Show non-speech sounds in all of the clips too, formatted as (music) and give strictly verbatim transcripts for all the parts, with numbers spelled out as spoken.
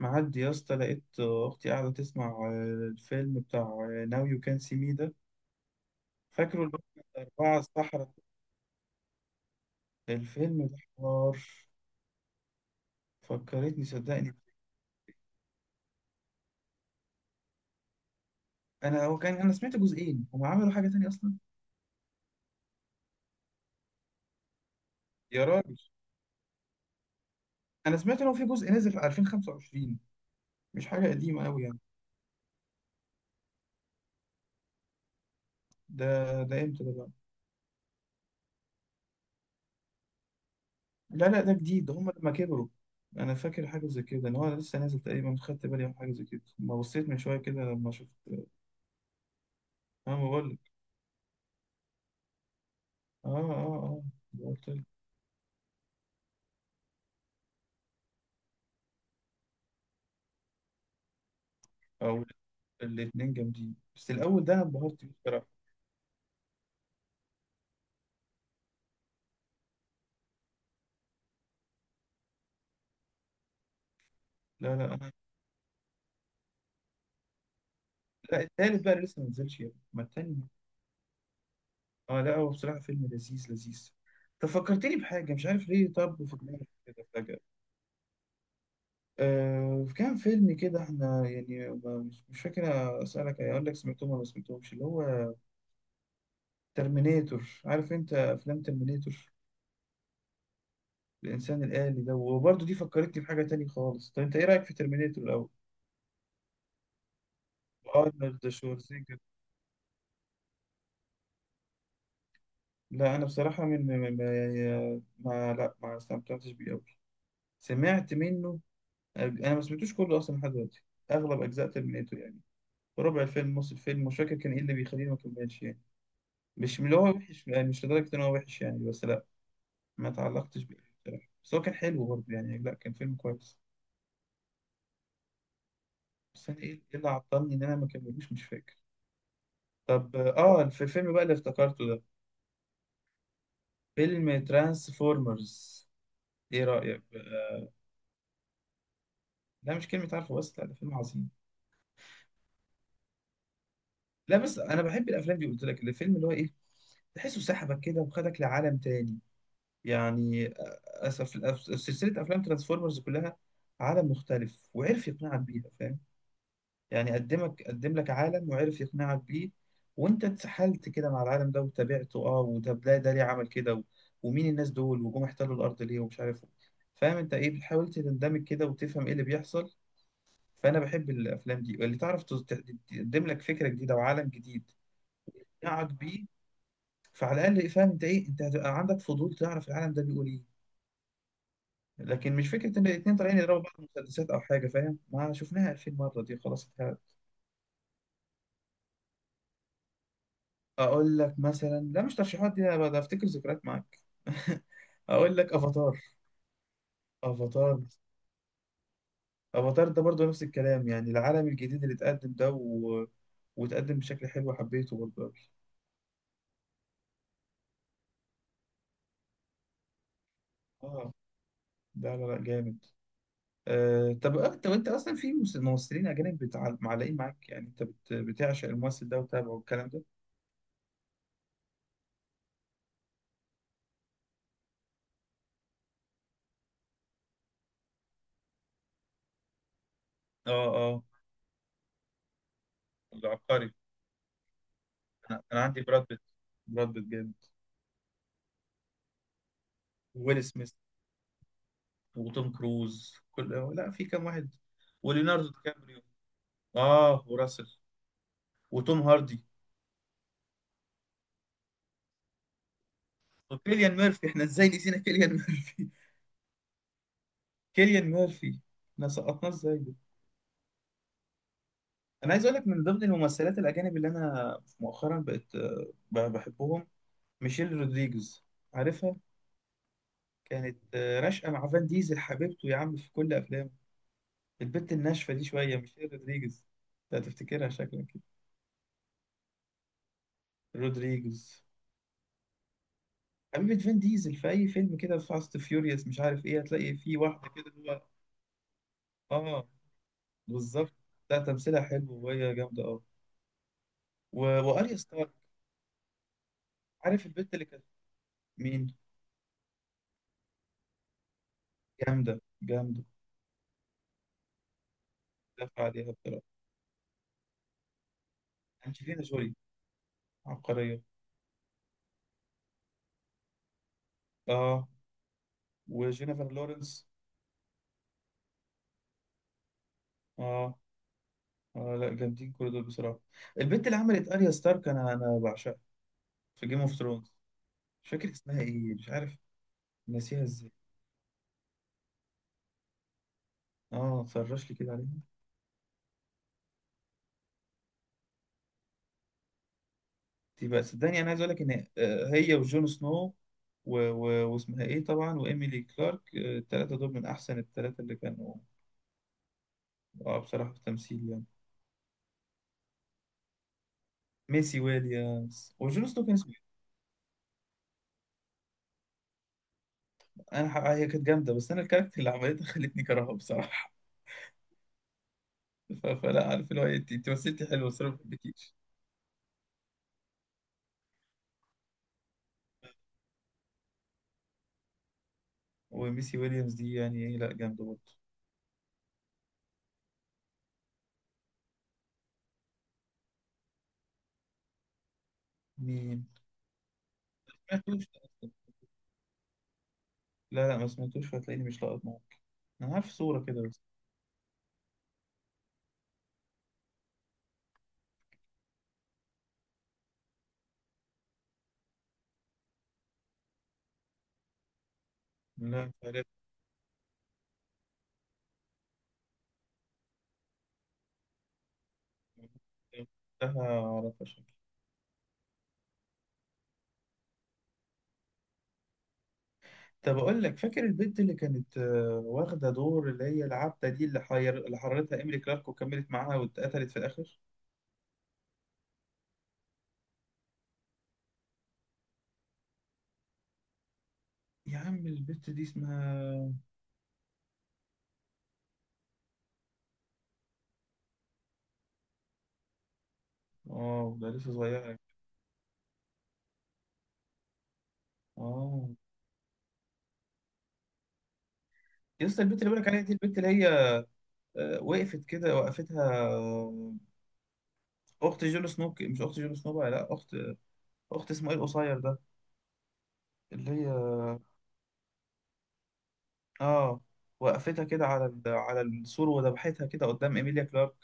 معدي يا اسطى، لقيت اختي قاعده تسمع آه، الفيلم بتاع ناو يو كان سي مي ده. فاكره اللي هو أربعة الصحراء. الفيلم ده حوار فكرتني، صدقني. انا هو كان انا سمعت جزئين، هم عملوا حاجه تانية اصلا. يا راجل، انا سمعت ان هو في جزء نزل في ألفين وخمسة وعشرين. مش حاجه قديمه قوي يعني. ده ده امتى ده بقى؟ لا لا، ده جديد، ده هم لما كبروا. انا فاكر حاجه زي كده، ان هو لسه نازل تقريبا، خدت بالي من حاجه زي كده ما بصيت من شويه كده لما شفت. اه، ما بقول لك. اه اه اه، قلت لك. او، الاتنين جامدين، بس الأول ده أنا انبهرت بيه بصراحة. لا لا أنا... لا، التالت بقى لسه ما نزلش يا ابني. ما التاني. أه لا، هو بصراحة فيلم لذيذ لذيذ. طب فكرتني بحاجة، مش عارف ليه، طب في دماغي كده فجأة. آه كان فيلم كده، احنا يعني ما- مش مش فاكر. أسألك أقول لك، سمعتهم ولا ما سمعتهمش اللي هو ترمينيتور؟ عارف أنت أفلام ترمينيتور، الإنسان الآلي ده؟ وبرضه دي فكرتني بحاجة تانية خالص. طب أنت إيه رأيك في ترمينيتور الأول؟ أرنولد شوارزنيجر. لا أنا بصراحة، من ما, ما يعني، ما- لا، ما استمتعتش بيه أوي. سمعت منه. أنا ما سمعتوش كله أصلا لحد دلوقتي، أغلب أجزاء ترمينيتور يعني. ربع الفيلم، نص الفيلم، مش فاكر كان إيه اللي بيخليني ما أكملش يعني. مش من اللي هو وحش يعني، مش لدرجة إن هو وحش يعني، بس لا، ما تعلقتش بيه بصراحة. بس هو كان حلو برضه يعني، لا كان فيلم كويس. بس أنا إيه إيه اللي عطلني إن أنا ما كملوش، مش فاكر. طب آه في الفيلم بقى اللي افتكرته ده، فيلم ترانسفورمرز. إيه رأيك بقى؟ لا مش كلمة عارفه بس، لا ده فيلم عظيم. لا بس انا بحب الافلام دي، قلت لك، الفيلم اللي هو ايه... تحسه سحبك كده وخدك لعالم تاني يعني. اسف، أف- سلسله افلام ترانسفورمرز كلها عالم مختلف، وعرف يقنعك بيها، فاهم؟ يعني قدمك قدم لك عالم وعرف يقنعك بيه، وانت اتسحلت كده مع العالم ده وتابعته. اه وطب ده ده ليه عمل كده و- ومين الناس دول وجم احتلوا الارض ليه ومش عارف إيه. فاهم انت ايه؟ بتحاول تندمج كده وتفهم ايه اللي بيحصل. فانا بحب الافلام دي اللي تعرف تز- تقدم لك فكره جديده وعالم جديد يقنعك بيه. فعلى الاقل فاهم انت ايه، انت هتبقى عندك فضول تعرف العالم ده بيقول ايه. لكن مش فكره ان الاتنين طالعين يضربوا بعض مسدسات او حاجه، فاهم؟ ما شفناها ألفين مره، دي خلاص اتهرت. اقول لك مثلا... لا، مش ترشيحات دي، انا بقى افتكر ذكريات معاك. (laughs) اقول لك افاتار. افاتار افاتار ده برضو نفس الكلام يعني، العالم الجديد اللي اتقدم ده... و... واتقدم بشكل حلو، حبيته برضو أوي. اه، لا لا لا جامد. آه طب انت، وانت اصلا في مس- ممثلين اجانب بتع- معلقين معاك يعني، انت بت... بتعشق الممثل ده وتابعه والكلام ده؟ اه اه، العبقري. انا أنا عندي براد بيت. براد بيت جامد. ويل سميث وتوم كروز كل... لا، في كام واحد. وليوناردو دي كابريو. اه، وراسل. وتوم هاردي. وكيليان ميرفي، احنا ازاي نسينا كيليان ميرفي؟ (laughs) كيليان ميرفي، احنا سقطناه ازاي ده؟ انا عايز اقول لك، من ضمن الممثلات الاجانب اللي انا مؤخرا بقت آه، ب- بحبهم، ميشيل رودريجز. عارفها؟ كانت آه، راشقه مع فان ديزل، حبيبته يا عم في كل افلامه. البت الناشفة دي شوية، مش هي رودريجز؟ انت هتفتكرها شكلا كده. رودريجز، حبيبة فين ديزل في أي فيلم كده، في فاست فيوريوس مش عارف إيه، هتلاقي في واحدة كده هو. آه، بالظبط. لا، تمثيلها حلو وهي جامدة أوي. و... وأريا ستار، عارف البت اللي كانت؟ مين؟ جامدة جامدة، دافع عليها بصراحة. أنجلينا جولي، عبقرية. آه وجينيفر لورنس. آه آه، لا جامدين كل دول بصراحة. البت اللي عملت أريا ستارك، أنا أنا بعشقها في جيم اوف ثرونز. مش فاكر اسمها ايه، مش عارف، ناسيها ازاي. اه، سرش لي كده عليها. دي بقى، صدقني انا عايز اقول لك ان آه، هي وجون سنو و... و... واسمها ايه طبعا، وايميلي كلارك، آه، التلاتة دول من احسن التلاتة اللي كانوا اه بصراحة في التمثيل يعني. ميسي ويليامز وجون سنو كان اسمه إيه؟ انا ح... هي كانت جامدة، بس انا الكاركتر اللي عملتها خلتني كرهها بصراحة. ف... فلا عارف اللي هو إيه، انت، أنت مثلتي حلو بس انا ما بحبكيش. وميسي ويليامز دي يعني ايه، لا جامدة برضه. مين؟ ما سمعتوش. لا لا، ما سمعتوش، فهتلاقيني مش لاقط معاك. انا عارف صورة كده بس. لا آه، على فشل. طب أقول لك، فاكر البنت اللي كانت آه، واخدة دور اللي هي العبدة دي، اللي حير... اللي حررتها إيميلي كلارك وكملت معاها واتقتلت في الآخر؟ يا عم البنت دي اسمها... آه، ده لسه صغيرة. آه، لسه البنت اللي بقولك عليها دي، البنت اللي هي آه، وقفت كده، وقفتها، آه، أخت جون سنو، ك- مش أخت جون سنو بقى، لا أخت، أخت اسمه إيه القصير ده، اللي هي... آه، وقفتها كده على ال... على السور وذبحتها كده قدام إيميليا كلارك.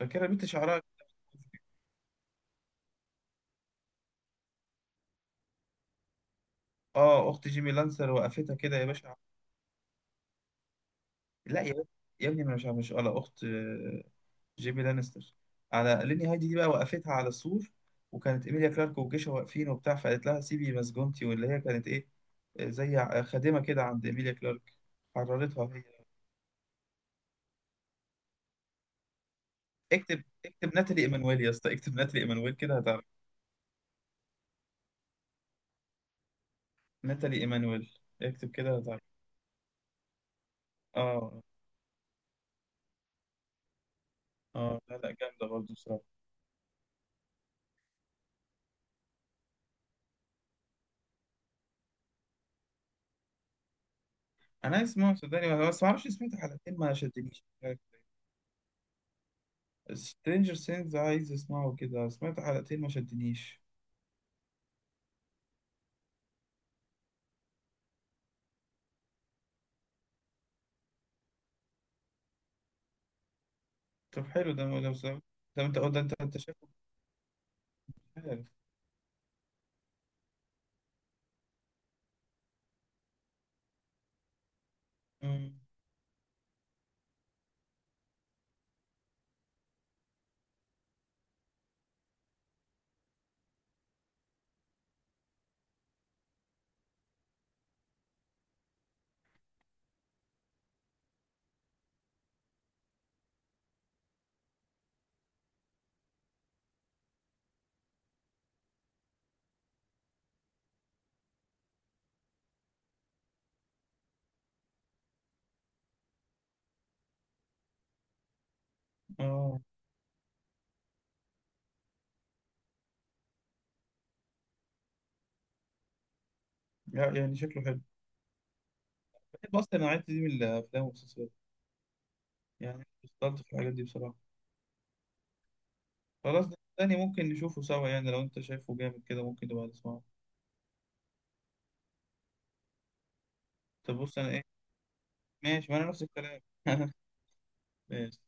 فاكرة البنت شعرها؟ اه، اخت جيمي لانستر، وقفتها كده يا باشا. لا يا باشا، يا ابني، ما أنا مش مش ولا اخت، آه، جيمي لانستر، على ليني هايدي دي بقى وقفتها على السور، وكانت ايميليا كلارك وجيشها واقفين وبتاع، فقالت لها سيبي مسجونتي، واللي هي كانت ايه، آه، زي خادمه كده عند ايميليا كلارك، حررتها هي. اكتب اكتب ناتالي ايمانويل يا اسطى، اكتب ناتالي ايمانويل كده هتعرف. ناتالي ايمانويل. اكتب كده هتعرف. اه. اه، لا لا جامده برضه بصراحه. انا اسمه صدقني بس ما اعرفش، سمعت حلقتين ما شدنيش. سترينجر سينز عايز اسمعه كده، سمعت حلقتين ما شدنيش. طب حلو، ده ده بس- ده انت ده انت انت شايفه. مش عارف. أمم، اه لا، يعني شكله حلو. بحب اصلا النوعية دي من الافلام والمسلسلات، يعني بطلت في الحاجات دي بصراحة. خلاص ده تاني ممكن نشوفه سوا يعني، لو انت شايفه جامد كده ممكن نبقى نسمعه. طب بص انا ايه... ماشي، ما انا نفس الكلام. (laughs) ماشي.